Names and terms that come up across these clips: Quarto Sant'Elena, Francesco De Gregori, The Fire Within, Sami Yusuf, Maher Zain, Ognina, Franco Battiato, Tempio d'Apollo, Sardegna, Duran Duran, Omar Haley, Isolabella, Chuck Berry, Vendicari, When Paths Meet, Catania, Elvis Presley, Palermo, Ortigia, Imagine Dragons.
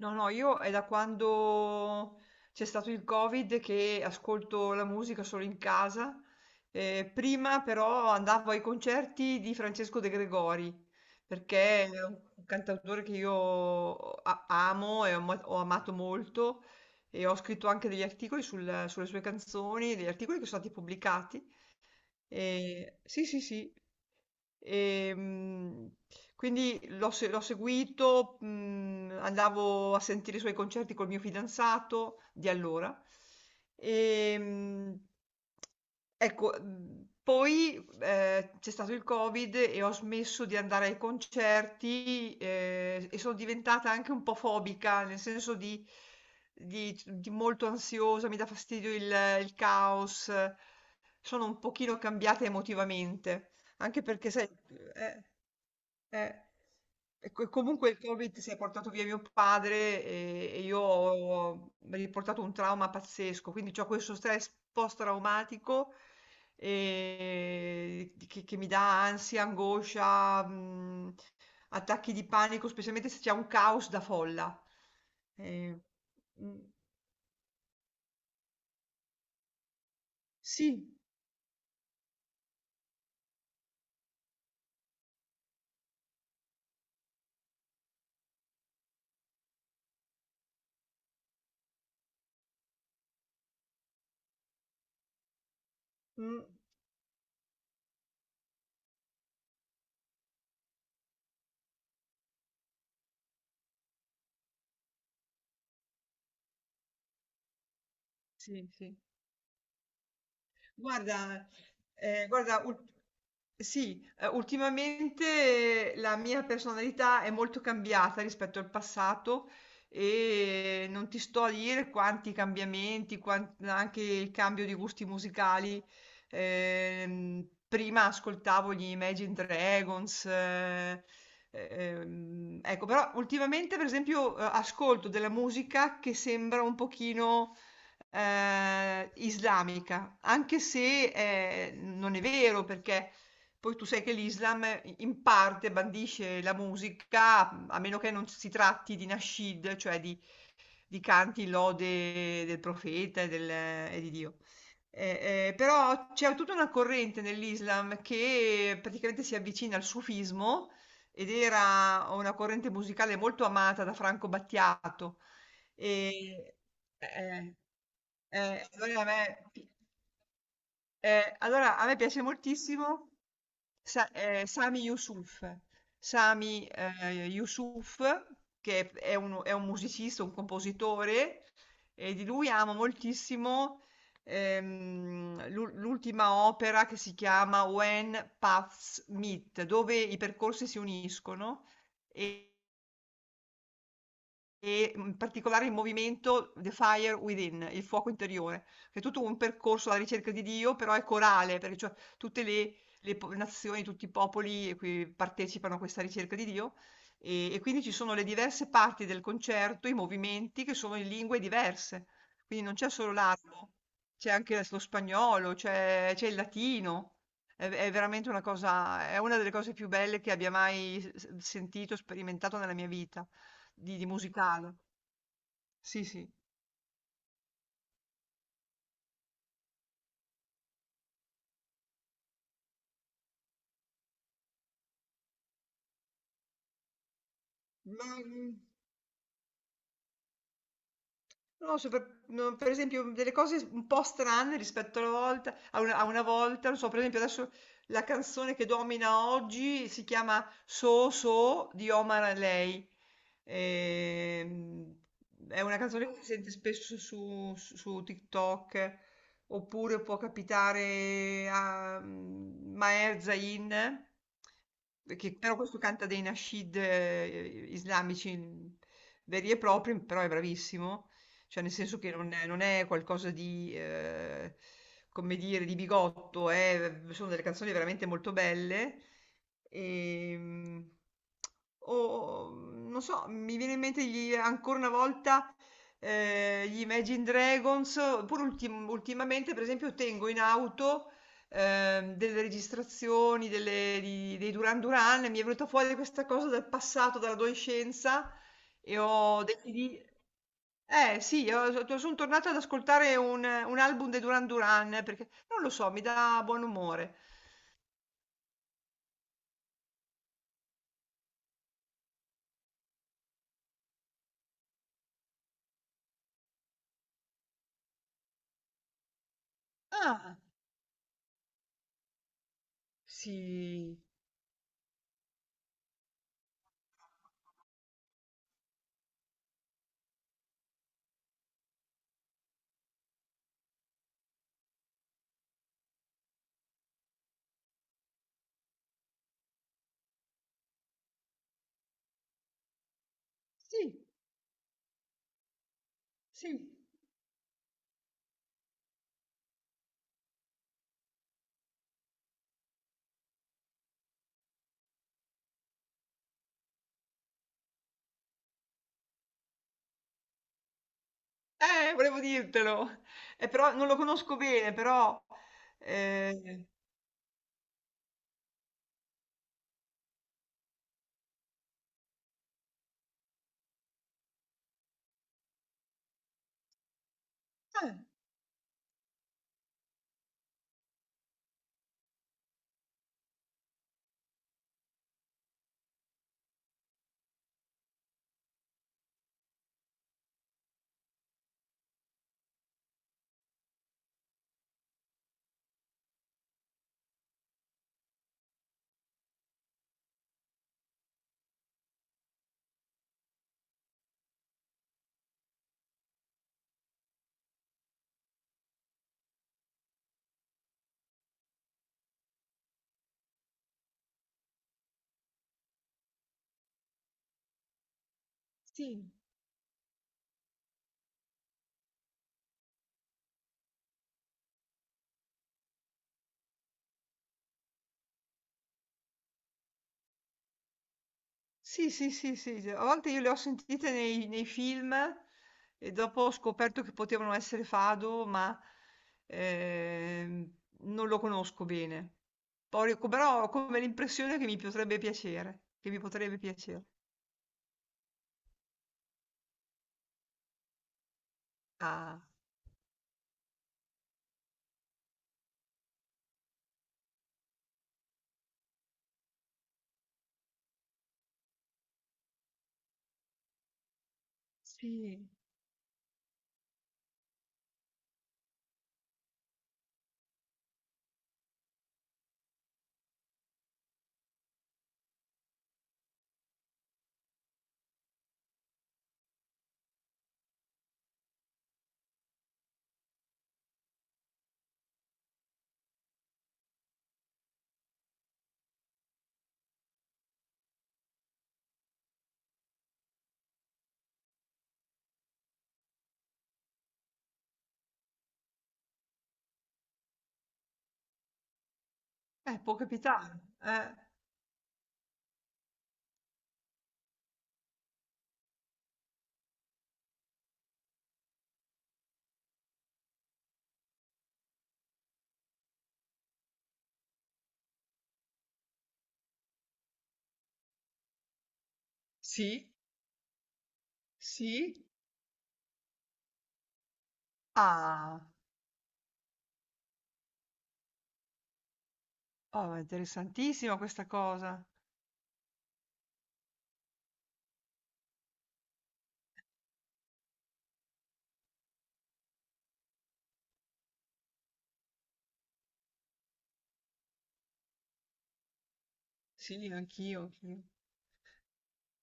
No, no, io è da quando c'è stato il Covid che ascolto la musica solo in casa. Prima però andavo ai concerti di Francesco De Gregori, perché è un cantautore che io amo e ho amato molto e ho scritto anche degli articoli sulle sue canzoni, degli articoli che sono stati pubblicati sì, sì, sì. E, mh, quindi l'ho se- l'ho seguito, andavo a sentire i suoi concerti col mio fidanzato di allora. E, mh, ecco, Poi c'è stato il Covid e ho smesso di andare ai concerti, e sono diventata anche un po' fobica, nel senso di di molto ansiosa, mi dà fastidio il caos, sono un pochino cambiata emotivamente. Anche perché sai, eh, eh. E co comunque il Covid si è portato via mio padre e io ho mi ha riportato un trauma pazzesco, quindi c'ho questo stress post-traumatico, che mi dà ansia, angoscia, mhmm, attacchi di panico, specialmente se c'è un caos da folla. Ehm, mh, sì, mh, sì, sì. Guarda, eh, guarda, ul- sì, ultimamente la mia personalità è molto cambiata rispetto al passato e non ti sto a dire quanti cambiamenti, anche il cambio di gusti musicali. Prima ascoltavo gli Imagine Dragons, ecco, però ultimamente per esempio ascolto della musica che sembra un pochino islamica, anche se non è vero perché poi tu sai che l'Islam in parte bandisce la musica, a meno che non si tratti di nascid, cioè di canti lode del profeta e, e di Dio. Però c'è tutta una corrente nell'Islam che praticamente si avvicina al sufismo ed era una corrente musicale molto amata da Franco Battiato. E, eh, eh, allora a me, allora, a me piace moltissimo Sami Yusuf. Sami Yusuf, che è un musicista, un compositore, e di lui amo moltissimo, ehm, l'ultima opera che si chiama When Paths Meet, dove i percorsi si uniscono. In particolare il movimento The Fire Within, il fuoco interiore, che è tutto un percorso alla ricerca di Dio, però è corale, perché cioè tutte le po nazioni, tutti i popoli qui partecipano a questa ricerca di Dio, e quindi ci sono le diverse parti del concerto, i movimenti che sono in lingue diverse. Quindi non c'è solo l'arabo, c'è anche adesso lo spagnolo, c'è il latino. È veramente una cosa, è una delle cose più belle che abbia mai s s sentito, sperimentato nella mia vita di musicale. Sì, sì. Ma, mm, No, so per no, per esempio delle cose un po' strane rispetto alla volta a una volta, non so, per esempio adesso la canzone che domina oggi si chiama So So di Omar Haley. Ehm, è una canzone che si sente spesso su TikTok, oppure può capitare a Maher Zain, che però questo canta dei nasheed islamici veri e propri, però è bravissimo. Cioè, nel senso che non è qualcosa di, come dire, di bigotto, sono delle canzoni veramente molto belle. E, o non so, mi viene in mente ancora una volta gli Imagine Dragons, ultimamente, per esempio, tengo in auto delle registrazioni dei Duran Duran, e mi è venuta fuori questa cosa dal passato, dall'adolescenza, e ho dei CD. Eh sì, io son tornata ad ascoltare un album dei Duran Duran perché, non lo so, mi dà buon umore. Ah, sì, sì, sì. Volevo dirtelo. Però non lo conosco bene, però, ehm. Ah, sì. Sì, sì, sì, sì, sì. A volte io le ho sentite nei film e dopo ho scoperto che potevano essere Fado, ma ehm, non lo conosco bene. Poi, però ho come l'impressione che mi potrebbe piacere, che mi potrebbe piacere. Ah, sì, può capitare. Sì, sì. Ah, oh, è interessantissima questa cosa. Sì, anch'io, anch'io.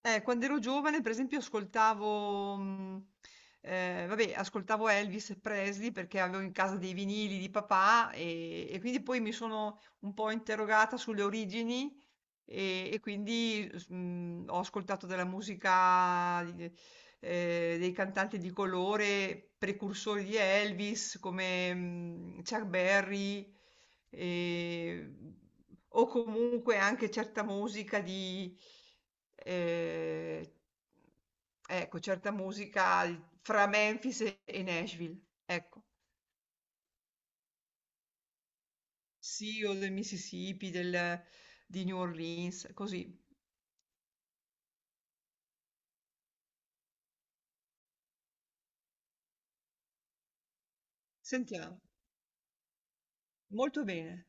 Quando ero giovane, per esempio, ascoltavo, vabbè, ascoltavo Elvis Presley perché avevo in casa dei vinili di papà, e quindi poi mi sono un po' interrogata sulle origini e quindi ho ascoltato della musica dei cantanti di colore, precursori di Elvis come Chuck Berry e- o comunque anche certa musica di, eh, ecco, certa musica fra Memphis e Nashville, ecco, sì, o del Mississippi, di New Orleans, così. Sentiamo, molto bene.